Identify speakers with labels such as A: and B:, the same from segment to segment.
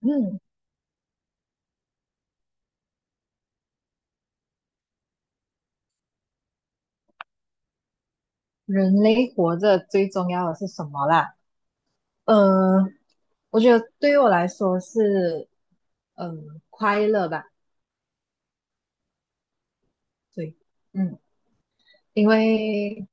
A: 嗯，人类活着最重要的是什么啦？呃，我觉得对于我来说是，嗯、快乐吧。对，嗯，因为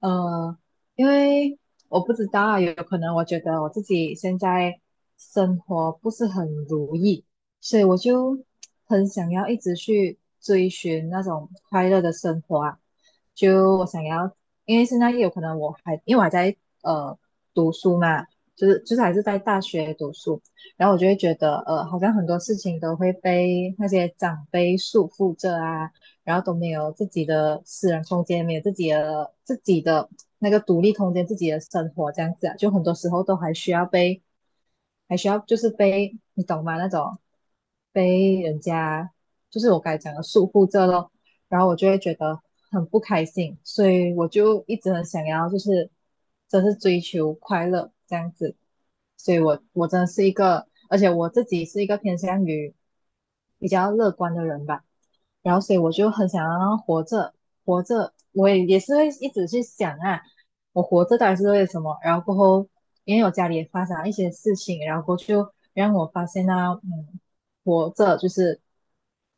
A: 呃，因为我不知道啊，有可能我觉得我自己现在生活不是很如意，所以我就很想要一直去追寻那种快乐的生活啊。就我想要，因为现在也有可能我还因为我还在呃读书嘛，就是还是在大学读书，然后我就会觉得好像很多事情都会被那些长辈束缚着啊，然后都没有自己的私人空间，没有自己的那个独立空间，自己的生活这样子啊，就很多时候都还需要被还需要就是被你懂吗？那种被人家就是我刚才讲的束缚着咯，然后我就会觉得很不开心，所以我就一直很想要就是真是追求快乐这样子，所以我真的是一个，而且我自己是一个偏向于比较乐观的人吧，然后所以我就很想要活着，我也是会一直去想啊。我活着到底是为了什么？然后过后，因为我家里也发生了一些事情，然后过后就让我发现啊，嗯，活着就是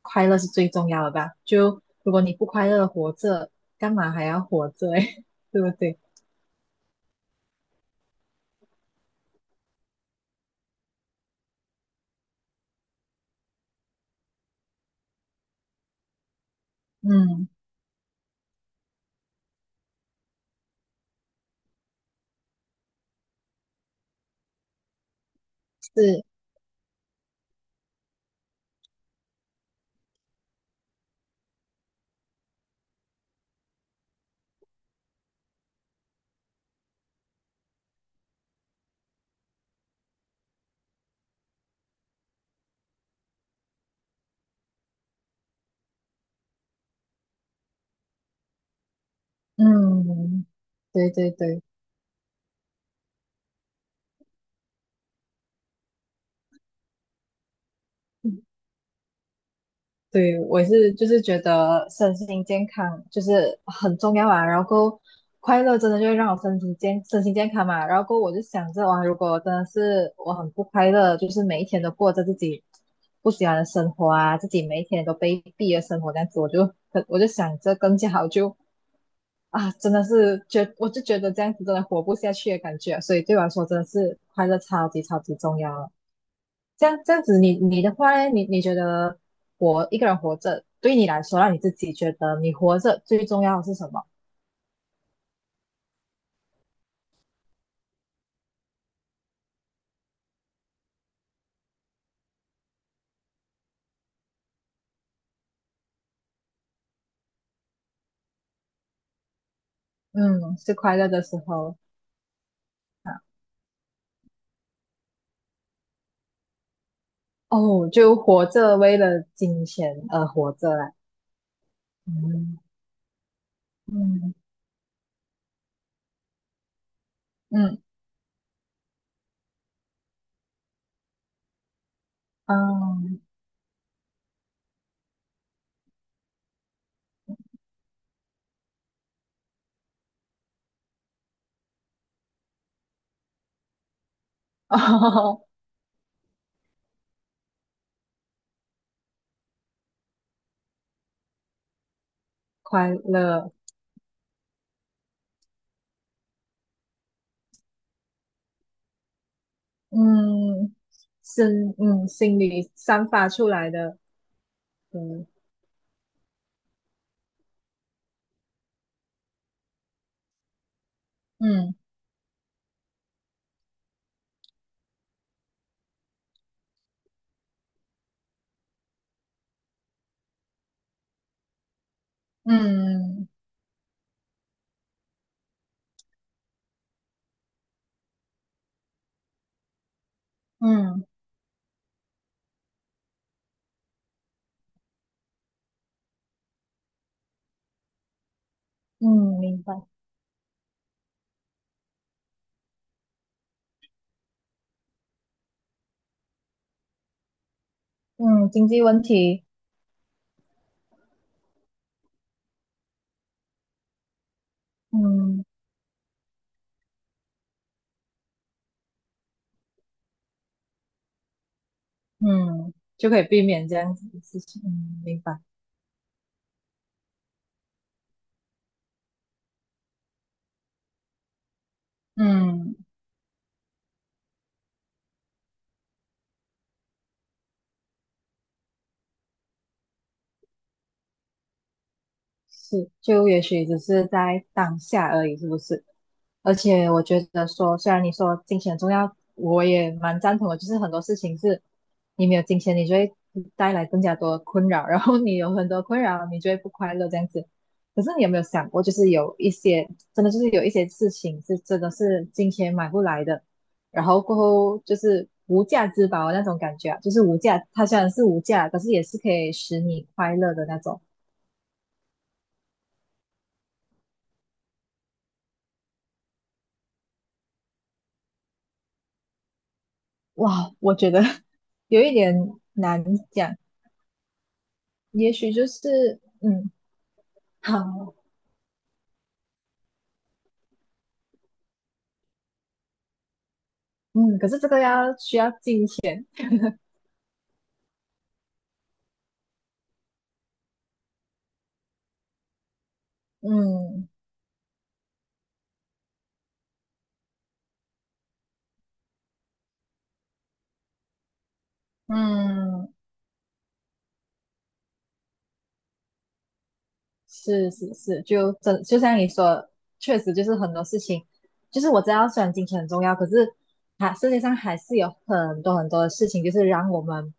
A: 快乐是最重要的吧？就如果你不快乐地活着，干嘛还要活着？诶，对不对？嗯，是，嗯，对对对。对，我也是，就是觉得身心健康就是很重要啊。然后快乐真的就会让我身体健、身心健康嘛。然后我就想着，哇，如果真的是我很不快乐，就是每一天都过着自己不喜欢的生活啊，自己每一天都卑鄙的生活这样子，我就很，我就想着更加好就，啊，真的是觉，我就觉得这样子真的活不下去的感觉啊。所以对我来说，真的是快乐超级超级重要啊。这样子你，你的话呢？你你觉得活一个人活着，对你来说，让你自己觉得你活着最重要的是什么？嗯，是快乐的时候啊。哦，就活着为了金钱而活着啦。嗯嗯嗯嗯，哦，快乐，嗯，心里散发出来的，嗯嗯嗯嗯嗯，明白。嗯，经济问题，嗯。嗯，就可以避免这样子的事情。嗯，明白。嗯，是，就也许只是在当下而已，是不是？而且我觉得说，虽然你说金钱很重要，我也蛮赞同的。就是很多事情是，你没有金钱，你就会带来更加多的困扰，然后你有很多困扰，你就会不快乐这样子。可是你有没有想过，就是有一些真的就是有一些事情是真的是金钱买不来的，然后过后就是无价之宝那种感觉啊，就是无价，它虽然是无价，可是也是可以使你快乐的那种。哇，我觉得 有一点难讲，也许就是嗯好，嗯，可是这个要需要金钱，嗯嗯，是是是，就真就像你说，确实就是很多事情，就是我知道虽然金钱很重要，可是还世界上还是有很多很多的事情，就是让我们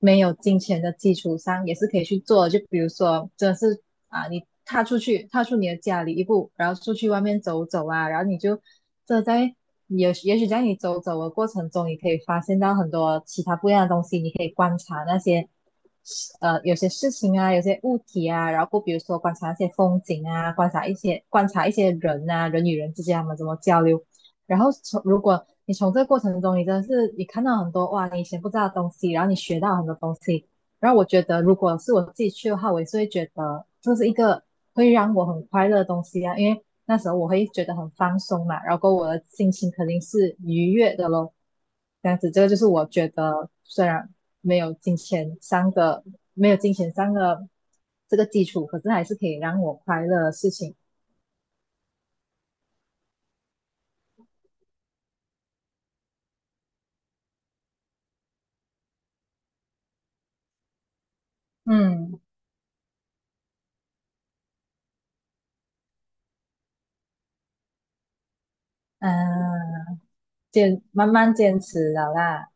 A: 没有金钱的基础上，也是可以去做的。就比如说，真的是啊，你踏出去，踏出你的家里一步，然后出去外面走走啊，然后你就这在也也许在你走走的过程中，你可以发现到很多其他不一样的东西，你可以观察那些有些事情啊，有些物体啊，然后比如说观察一些风景啊，观察一些人啊，人与人之间他们怎么交流，然后从如果你从这个过程中，你真的是你看到很多哇，你以前不知道的东西，然后你学到很多东西。然后我觉得，如果是我自己去的话，我也是会觉得这是一个会让我很快乐的东西啊，因为那时候我会觉得很放松嘛，然后我的心情肯定是愉悦的咯。这样子，这个就是我觉得虽然没有金钱上的没有金钱上的这个基础，可是还是可以让我快乐的事情。嗯。嗯，慢慢坚持了啦，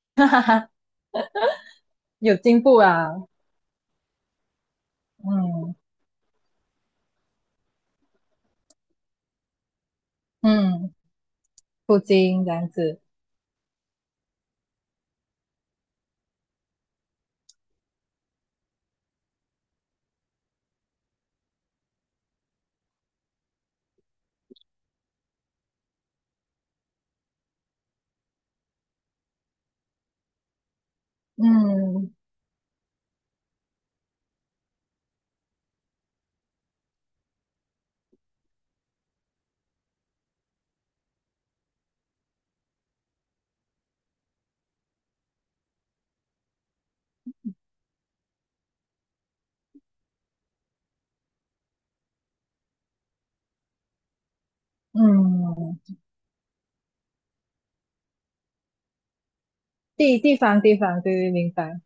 A: 哈哈哈，有进步啊，嗯嗯，不精这样子，嗯嗯，地方，对对，明白，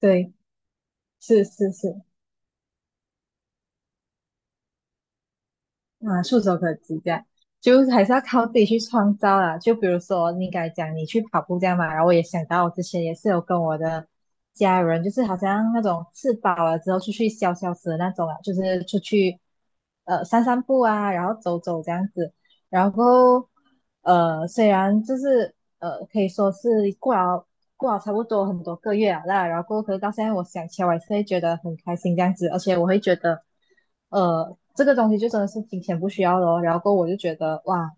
A: 对，是是是。啊，触手可及这样，就还是要靠自己去创造啦。就比如说你刚才讲你去跑步这样嘛，然后我也想到我之前也是有跟我的家人，就是好像那种吃饱了之后出去消消食的那种啊，就是出去散散步啊，然后走走这样子。然后虽然就是可以说是过了过了差不多很多个月了啦，然后可是到现在我想起来，我还是会觉得很开心这样子，而且我会觉得这个东西就真的是金钱不需要了。然后我就觉得哇，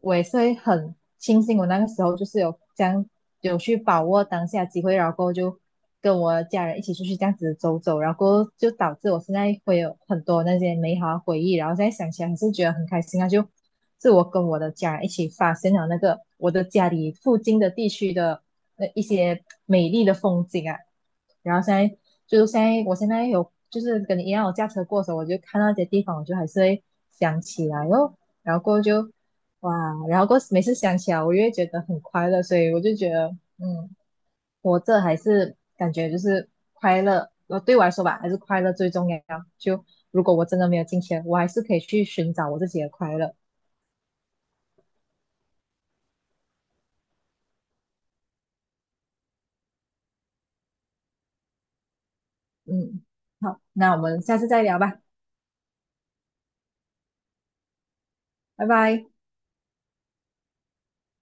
A: 我也是会很庆幸我那个时候就是有有去把握当下机会，然后过后就跟我家人一起出去这样子走走，然后过后就导致我现在会有很多那些美好的回忆，然后现在想起来还是觉得很开心啊，就。是我跟我的家人一起发现了那个我的家里附近的地区的那一些美丽的风景啊。然后现在，我现在有就是跟你一样，我驾车过的时候，我就看到一些地方，我就还是会想起来哦。然后过后就哇，然后过每次想起来，我越觉得很快乐，所以我就觉得，嗯，活着还是感觉就是快乐。呃，对我来说吧，还是快乐最重要。就如果我真的没有金钱，我还是可以去寻找我自己的快乐。嗯，好，那我们下次再聊吧，拜拜。